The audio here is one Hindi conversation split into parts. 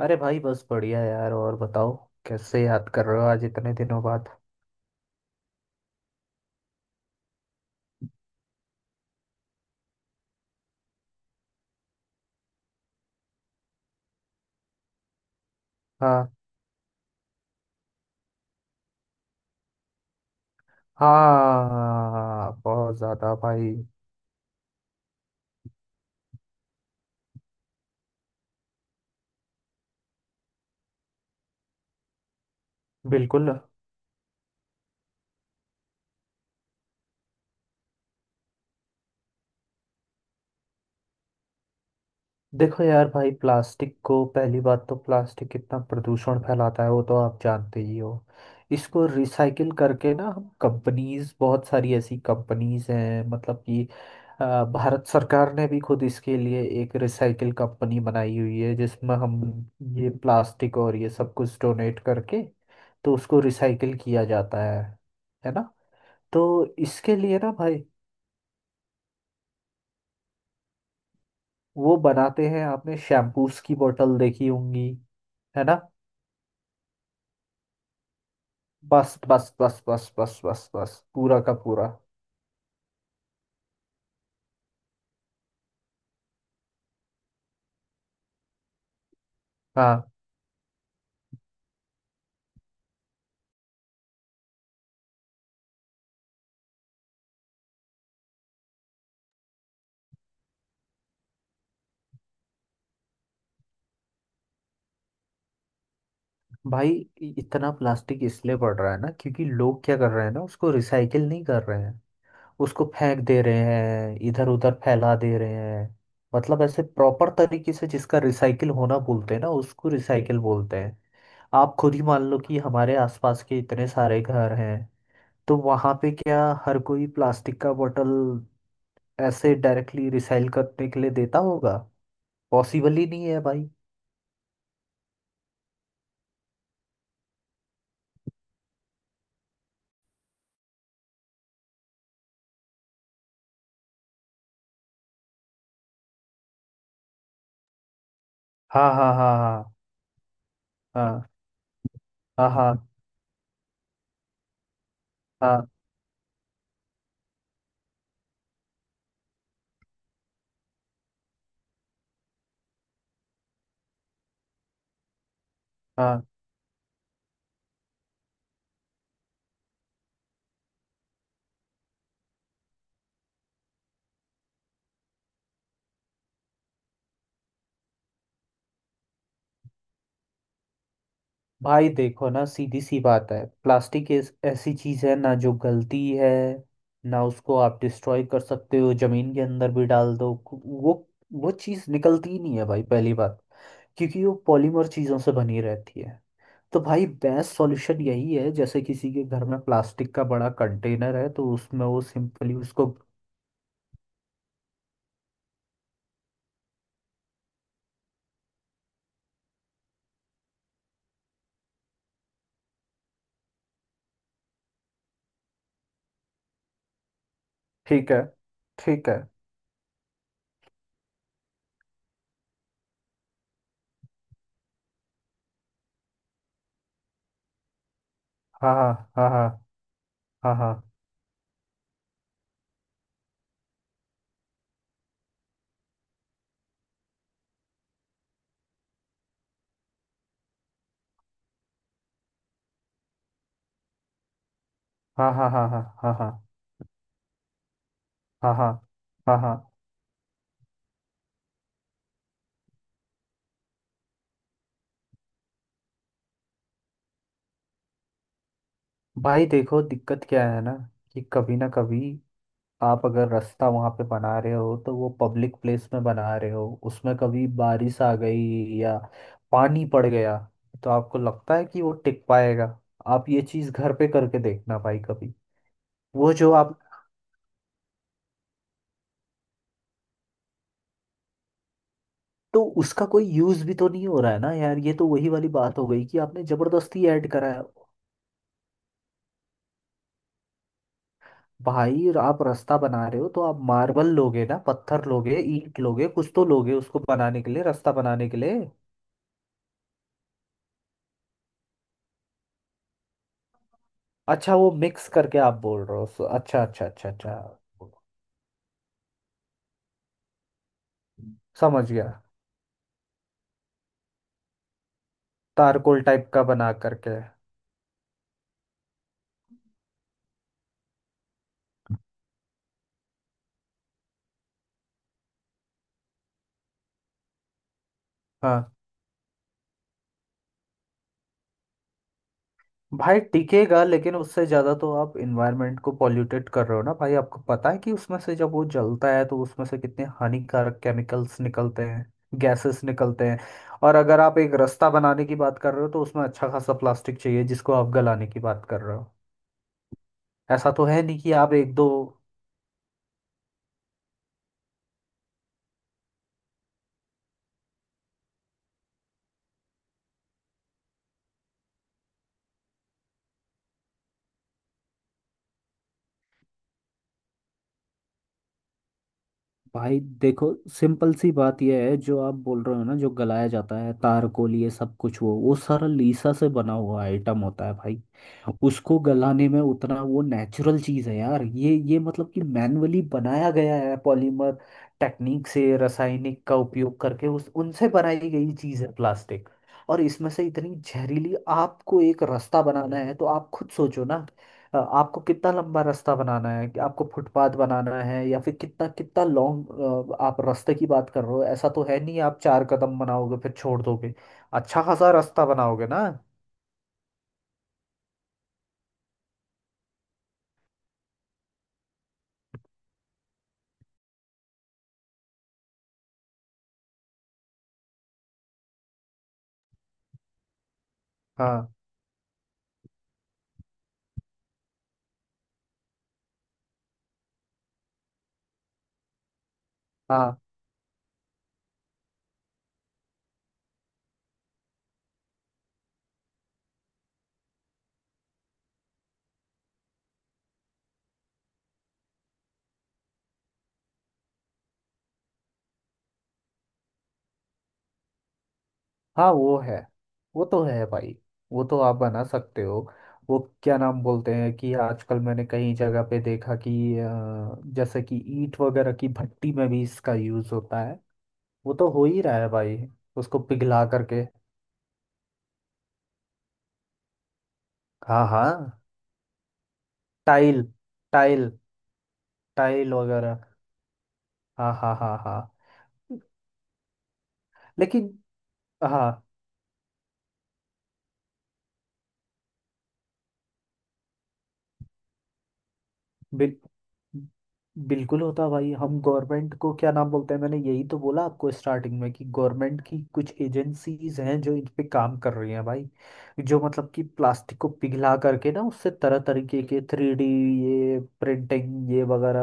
अरे भाई, बस बढ़िया यार। और बताओ, कैसे याद कर रहे हो आज इतने दिनों बाद। हाँ। हाँ, बहुत ज़्यादा भाई। बिल्कुल। देखो यार भाई, प्लास्टिक को पहली बात तो, प्लास्टिक कितना प्रदूषण फैलाता है वो तो आप जानते ही हो। इसको रिसाइकिल करके ना, हम कंपनीज, बहुत सारी ऐसी कंपनीज हैं मतलब कि भारत सरकार ने भी खुद इसके लिए एक रिसाइकिल कंपनी बनाई हुई है, जिसमें हम ये प्लास्टिक और ये सब कुछ डोनेट करके तो उसको रिसाइकिल किया जाता है ना। तो इसके लिए ना भाई, वो बनाते हैं, आपने शैम्पूस की बोतल देखी होंगी, है ना। बस, बस, बस, बस, बस, बस, बस, पूरा का पूरा। हाँ भाई। इतना प्लास्टिक इसलिए बढ़ रहा है ना, क्योंकि लोग क्या कर रहे हैं ना, उसको रिसाइकिल नहीं कर रहे हैं। उसको फेंक दे रहे हैं, इधर उधर फैला दे रहे हैं। मतलब ऐसे प्रॉपर तरीके से जिसका रिसाइकिल होना बोलते हैं ना, उसको रिसाइकिल बोलते हैं। आप खुद ही मान लो कि हमारे आसपास के इतने सारे घर हैं, तो वहाँ पे क्या हर कोई प्लास्टिक का बोतल ऐसे डायरेक्टली रिसाइकिल करने के लिए देता होगा? पॉसिबल ही नहीं है भाई। हाँ, हाँ, हाँ, हाँ, हाँ, हाँ, हाँ, हाँ। हाँ भाई, देखो ना, सीधी सी बात है, प्लास्टिक इस ऐसी चीज़ है ना जो गलती है ना। उसको आप डिस्ट्रॉय कर सकते हो, जमीन के अंदर भी डाल दो, वो चीज़ निकलती ही नहीं है भाई, पहली बात। क्योंकि वो पॉलीमर चीज़ों से बनी रहती है। तो भाई, बेस्ट सॉल्यूशन यही है, जैसे किसी के घर में प्लास्टिक का बड़ा कंटेनर है तो उसमें वो सिंपली उसको। ठीक है। ठीक है। हाँ, हाँ, हाँ, हाँ, हाँ, हाँ, हाँ, हाँ, हाँ, हाँ, हाँ, हाँ, हाँ, हाँ, हाँ, हाँ, हाँ। भाई देखो, दिक्कत क्या है ना, कि कभी ना कभी आप अगर रास्ता वहाँ पे बना रहे हो, तो वो पब्लिक प्लेस में बना रहे हो, उसमें कभी बारिश आ गई या पानी पड़ गया, तो आपको लगता है कि वो टिक पाएगा? आप ये चीज़ घर पे करके देखना भाई कभी। वो जो आप, तो उसका कोई यूज़ भी तो नहीं हो रहा है ना यार। ये तो वही वाली बात हो गई कि आपने जबरदस्ती ऐड करा है। भाई आप रास्ता बना रहे हो तो आप मार्बल लोगे ना, पत्थर लोगे, ईंट लोगे, कुछ तो लोगे उसको बनाने के लिए, रास्ता बनाने के लिए। अच्छा, वो मिक्स करके आप बोल रहे हो, अच्छा, अच्छा, अच्छा, अच्छा। समझ गया। तारकोल टाइप का बना करके। हाँ भाई, टिकेगा, लेकिन उससे ज़्यादा तो आप इन्वायरमेंट को पॉल्यूटेड कर रहे हो ना भाई। आपको पता है कि उसमें से जब वो जलता है तो उसमें से कितने हानिकारक केमिकल्स निकलते हैं, गैसेस निकलते हैं। और अगर आप एक रास्ता बनाने की बात कर रहे हो तो उसमें अच्छा खासा प्लास्टिक चाहिए जिसको आप गलाने की बात कर रहे हो। ऐसा तो है नहीं कि आप एक दो। भाई देखो, सिंपल सी बात यह है, जो आप बोल रहे हो ना, जो गलाया जाता है तारकोल, ये सब कुछ, वो सारा लीसा से बना हुआ आइटम होता है भाई। उसको गलाने में उतना, वो नेचुरल चीज है यार। ये मतलब कि मैनुअली बनाया गया है पॉलीमर टेक्निक से, रासायनिक का उपयोग करके उस उनसे बनाई गई चीज है प्लास्टिक। और इसमें से इतनी जहरीली, आपको एक रास्ता बनाना है तो आप खुद सोचो ना। आपको कितना लंबा रास्ता बनाना है, कि आपको फुटपाथ बनाना है, या फिर कितना कितना लॉन्ग आप रास्ते की बात कर रहे हो? ऐसा तो है नहीं आप चार कदम बनाओगे फिर छोड़ दोगे, अच्छा खासा रास्ता बनाओगे ना। हाँ, हाँ, हाँ। वो है, वो तो है भाई, वो तो आप बना सकते हो। वो क्या नाम बोलते हैं, कि आजकल मैंने कई जगह पे देखा कि जैसे कि ईंट वगैरह की भट्टी में भी इसका यूज होता है। वो तो हो ही रहा है भाई। उसको पिघला करके। हाँ, हाँ। टाइल। टाइल। टाइल वगैरह। हाँ, हाँ, हाँ, हाँ। लेकिन, हाँ। बिल बिल्कुल होता भाई। हम गवर्नमेंट को क्या नाम बोलते हैं, मैंने यही तो बोला आपको स्टार्टिंग में, कि गवर्नमेंट की कुछ एजेंसीज हैं जो इन पे काम कर रही हैं भाई। जो मतलब कि प्लास्टिक को पिघला करके ना उससे तरह तरीके के थ्री डी, ये प्रिंटिंग, ये वगैरह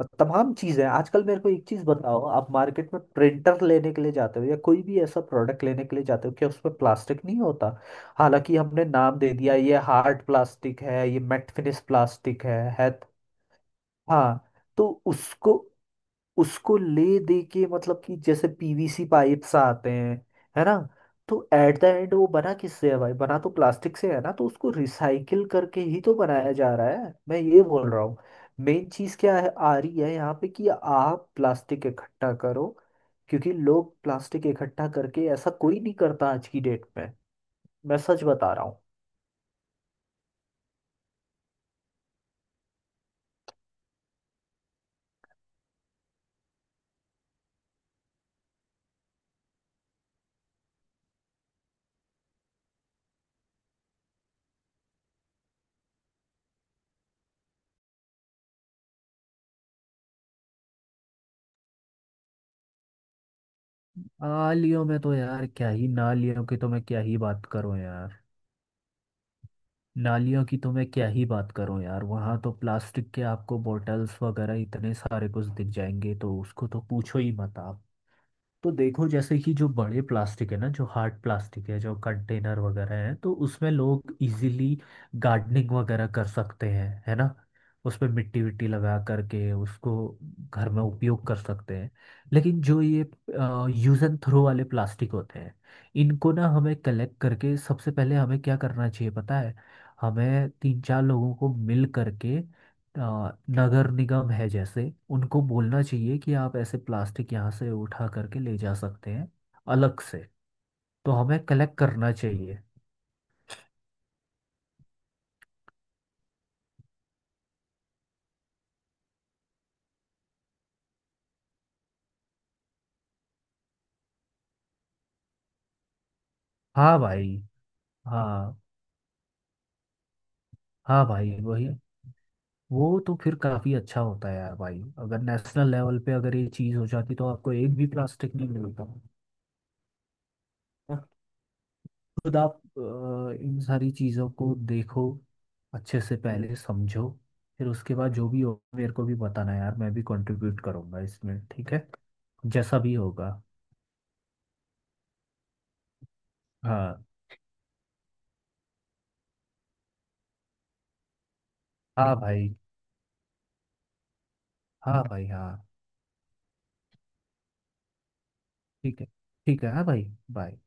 और तमाम चीज़ें हैं। आजकल मेरे को एक चीज़ बताओ, आप मार्केट में प्रिंटर लेने के लिए जाते हो, या कोई भी ऐसा प्रोडक्ट लेने के लिए जाते हो, क्या उसमें प्लास्टिक नहीं होता? हालांकि हमने नाम दे दिया, ये हार्ड प्लास्टिक है, ये मेट फिनिश प्लास्टिक है, है। हाँ। तो उसको उसको ले दे के, मतलब कि जैसे पीवीसी पाइप्स आते हैं, है ना। तो एट द एंड वो बना किससे है भाई? बना तो प्लास्टिक से है ना। तो उसको रिसाइकिल करके ही तो बनाया जा रहा है, मैं ये बोल रहा हूँ। मेन चीज क्या है आ रही है यहाँ पे, कि आप प्लास्टिक इकट्ठा करो। क्योंकि लोग प्लास्टिक इकट्ठा करके, ऐसा कोई नहीं करता आज की डेट में, मैं सच बता रहा हूँ। आ लियो में तो यार क्या ही, ना लियो की तो मैं क्या ही बात करूं यार। नालियों की तो मैं क्या ही बात करूं यार, वहां तो प्लास्टिक के आपको बॉटल्स वगैरह इतने सारे कुछ दिख जाएंगे, तो उसको तो पूछो ही मत आप। तो देखो, जैसे कि जो बड़े प्लास्टिक है ना, जो हार्ड प्लास्टिक है, जो कंटेनर वगैरह है, तो उसमें लोग इजीली गार्डनिंग वगैरह कर सकते हैं, है ना। उसमें मिट्टी विट्टी लगा करके उसको घर में उपयोग कर सकते हैं। लेकिन जो ये यूज एंड थ्रो वाले प्लास्टिक होते हैं, इनको ना हमें कलेक्ट करके, सबसे पहले हमें क्या करना चाहिए पता है, हमें तीन चार लोगों को मिल करके नगर निगम है जैसे, उनको बोलना चाहिए कि आप ऐसे प्लास्टिक यहाँ से उठा करके ले जा सकते हैं, अलग से। तो हमें कलेक्ट करना चाहिए। हाँ भाई। हाँ। हाँ भाई, वही। वो तो फिर काफ़ी अच्छा होता है यार भाई, अगर नेशनल लेवल पे अगर ये चीज़ हो जाती तो आपको एक भी प्लास्टिक नहीं मिलता। खुद आप इन सारी चीज़ों को देखो, अच्छे से पहले समझो, फिर उसके बाद जो भी हो मेरे को भी बताना यार, मैं भी कंट्रीब्यूट करूँगा इसमें, ठीक है। जैसा भी होगा। हाँ। हाँ भाई। हाँ भाई, हाँ। ठीक है। ठीक है हाँ भाई। बाय।